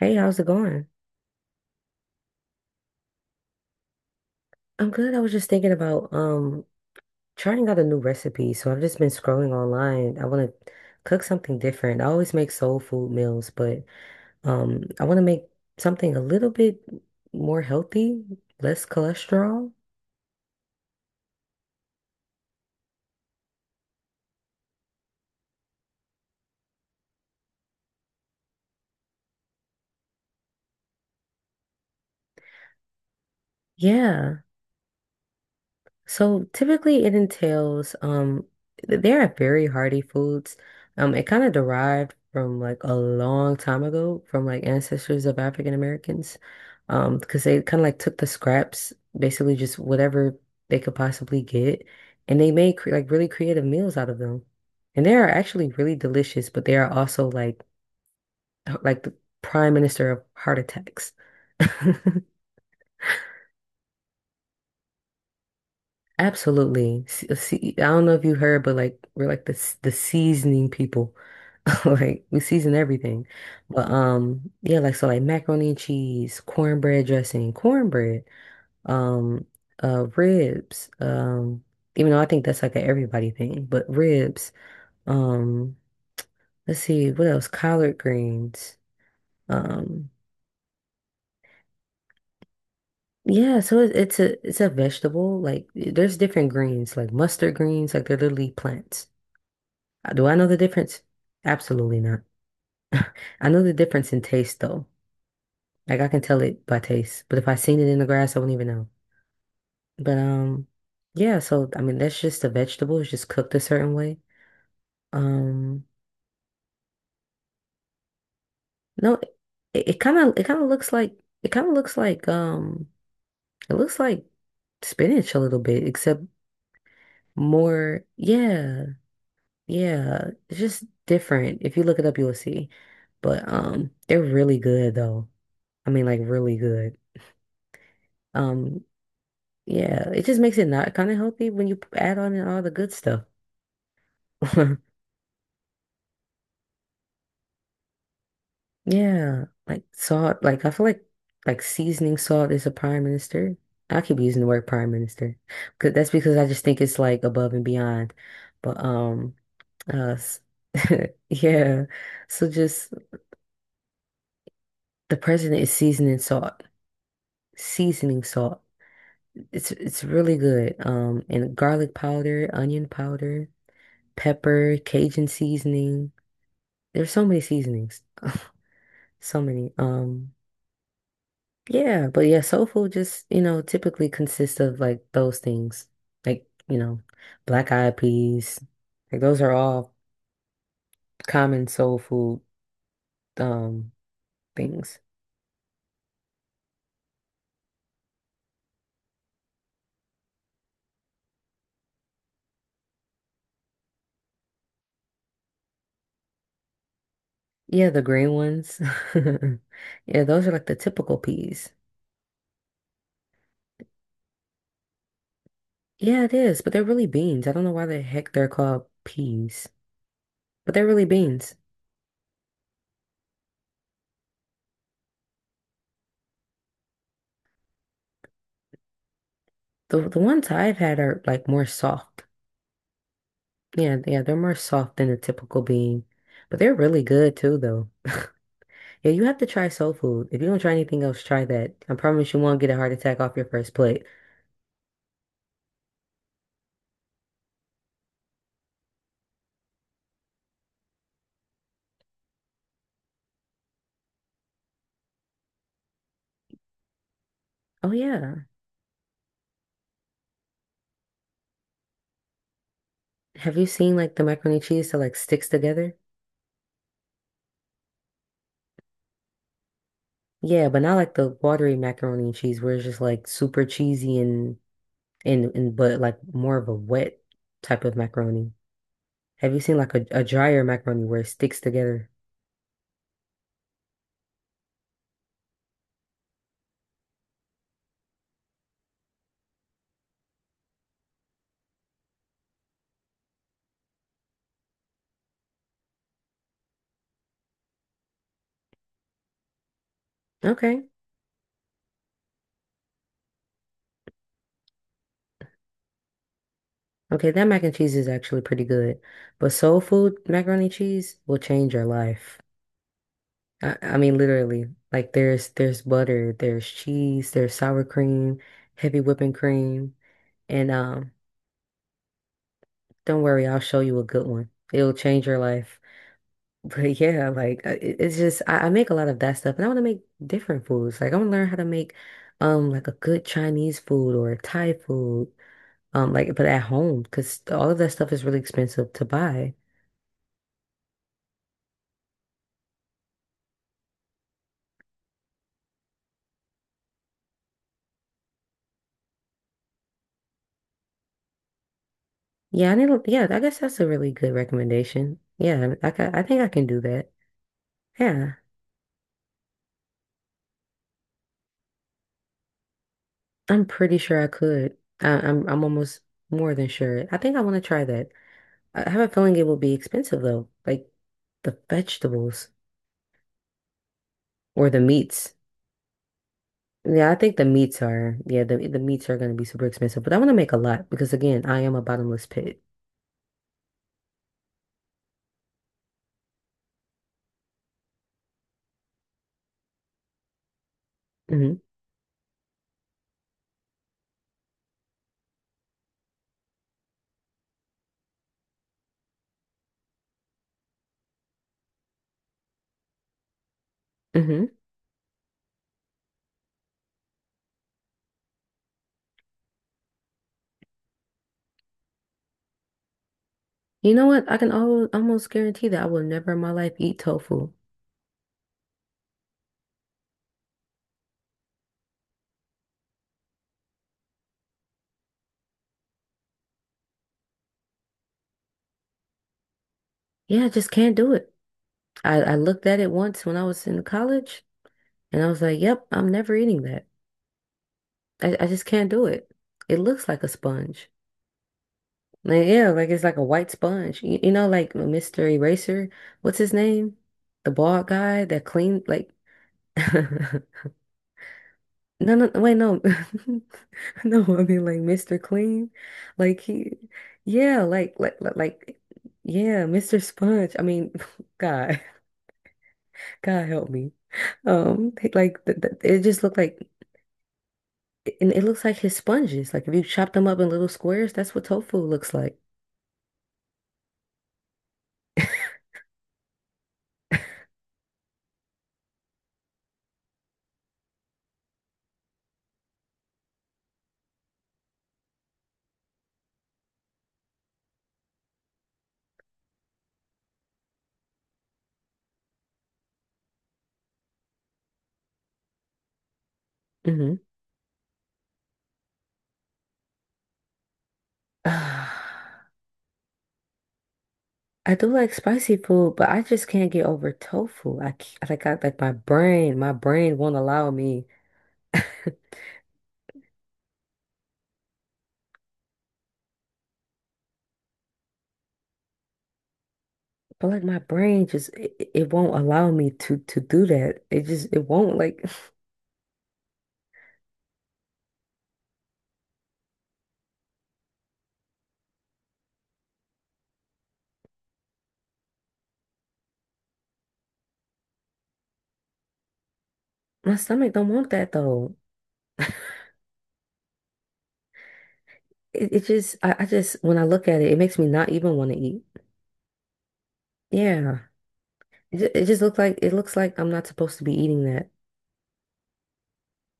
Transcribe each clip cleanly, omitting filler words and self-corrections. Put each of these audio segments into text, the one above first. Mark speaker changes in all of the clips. Speaker 1: Hey, how's it going? I'm good. I was just thinking about trying out a new recipe. So I've just been scrolling online. I want to cook something different. I always make soul food meals, but I want to make something a little bit more healthy, less cholesterol. Yeah. So typically it entails they are very hearty foods. It kind of derived from like a long time ago from like ancestors of African Americans. Because they kind of like took the scraps, basically just whatever they could possibly get, and they made cre like really creative meals out of them. And they are actually really delicious, but they are also like like the prime minister of heart attacks. Absolutely. I don't know if you heard, but like we're like the seasoning people. Like we season everything. But yeah, like so like macaroni and cheese, cornbread dressing, cornbread, um ribs, even though I think that's like a everybody thing, but ribs, um let's see what else? Collard greens. Um yeah, so it's a vegetable. Like there's different greens, like mustard greens, like they're literally plants. Do I know the difference? Absolutely not. I know the difference in taste though. Like I can tell it by taste. But if I seen it in the grass, I wouldn't even know. But yeah, so I mean that's just a vegetable. It's just cooked a certain way. Um no, it kind of it kind of looks like it kind of looks like it looks like spinach a little bit, except more yeah, yeah. It's just different. If you look it up, you'll see. But they're really good though. I mean like really good. Um, Yeah, it just makes it not kind of healthy when you add on in all the good stuff. Yeah, like salt. Like I feel like seasoning salt is a prime minister. I keep using the word prime minister because that's because I just think it's like above and beyond. But uh, s- yeah. So just the president is seasoning salt, seasoning salt. It's really good. And garlic powder, onion powder, pepper, Cajun seasoning. There's so many seasonings. So many. Yeah, but yeah, soul food just, you know, typically consists of like those things. Like, you know, black eyed peas. Like those are all common soul food um things. Yeah, the green ones. Yeah, those are like the typical peas. Yeah, it is, but they're really beans. I don't know why the heck they're called peas, but they're really beans. The ones I've had are like more soft. Yeah, yeah, they're more soft than a typical bean, but they're really good too, though. Yeah, you have to try soul food. If you don't try anything else, try that. I promise you won't get a heart attack off your first plate. Oh yeah, have you seen like the macaroni and cheese that like sticks together? Yeah, but not like the watery macaroni and cheese where it's just like super cheesy and but like more of a wet type of macaroni. Have you seen like a drier macaroni where it sticks together? Okay. Okay, that mac and cheese is actually pretty good. But soul food macaroni and cheese will change your life. I mean literally. Like there's butter, there's cheese, there's sour cream, heavy whipping cream, and don't worry, I'll show you a good one. It'll change your life. But yeah, like it's just I make a lot of that stuff and I want to make different foods. Like I want to learn how to make like a good Chinese food or Thai food. Like but at home because all of that stuff is really expensive to buy. Yeah, I need to, yeah, I guess that's a really good recommendation. Yeah, I think I can do that. Yeah, I'm pretty sure I could. I'm almost more than sure. I think I want to try that. I have a feeling it will be expensive though, like the vegetables or the meats. Yeah, I think the meats are, yeah, the meats are going to be super expensive, but I want to make a lot because again, I am a bottomless pit. Hmm. Hmm. You know what? I can al almost guarantee that I will never in my life eat tofu. Yeah, I just can't do it. I looked at it once when I was in college and I was like, yep, I'm never eating that. I just can't do it. It looks like a sponge. Like, yeah, like it's like a white sponge. You know, like Mr. Eraser, what's his name? The bald guy that cleaned, like, no, no, wait, no. No, I mean, like Mr. Clean. Like, yeah, yeah, Mr. Sponge. I mean, God, God help me. Like, it just looked like, and it looks like his sponges. Like if you chop them up in little squares, that's what tofu looks like. Hmm. I do like spicy food, but I just can't get over tofu. Like I like my brain won't allow me. But like my brain just it won't allow me to do that. It just it won't like my stomach don't want that though. I just when I look at it, it makes me not even want to eat. Yeah. It just looks like, it looks like I'm not supposed to be eating,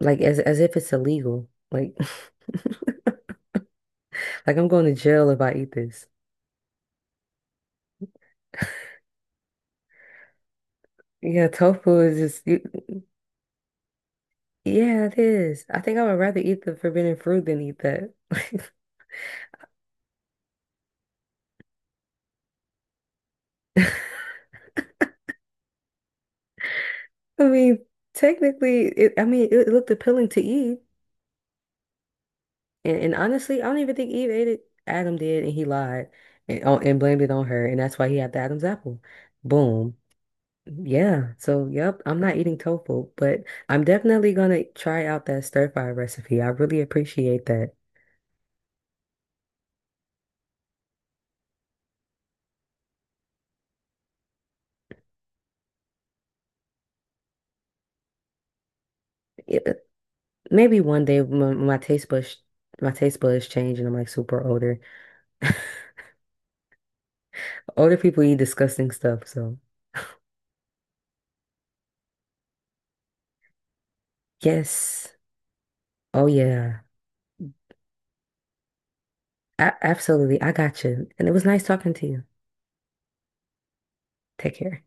Speaker 1: like as if it's illegal. Like like I'm going to jail if I eat this. Yeah, tofu is just you, yeah, it is. I think I would rather eat the forbidden fruit than eat that. I mean, technically, it, I mean, it looked appealing to Eve, and honestly, I don't even think Eve ate it. Adam did, and he lied, and oh, and blamed it on her, and that's why he had the Adam's apple. Boom. Yeah. So, yep, I'm not eating tofu, but I'm definitely gonna try out that stir fry recipe. I really appreciate that. Maybe one day my taste buds change and I'm like super older. Older people eat disgusting stuff, so yes. Oh yeah. A absolutely. I got you. And it was nice talking to you. Take care.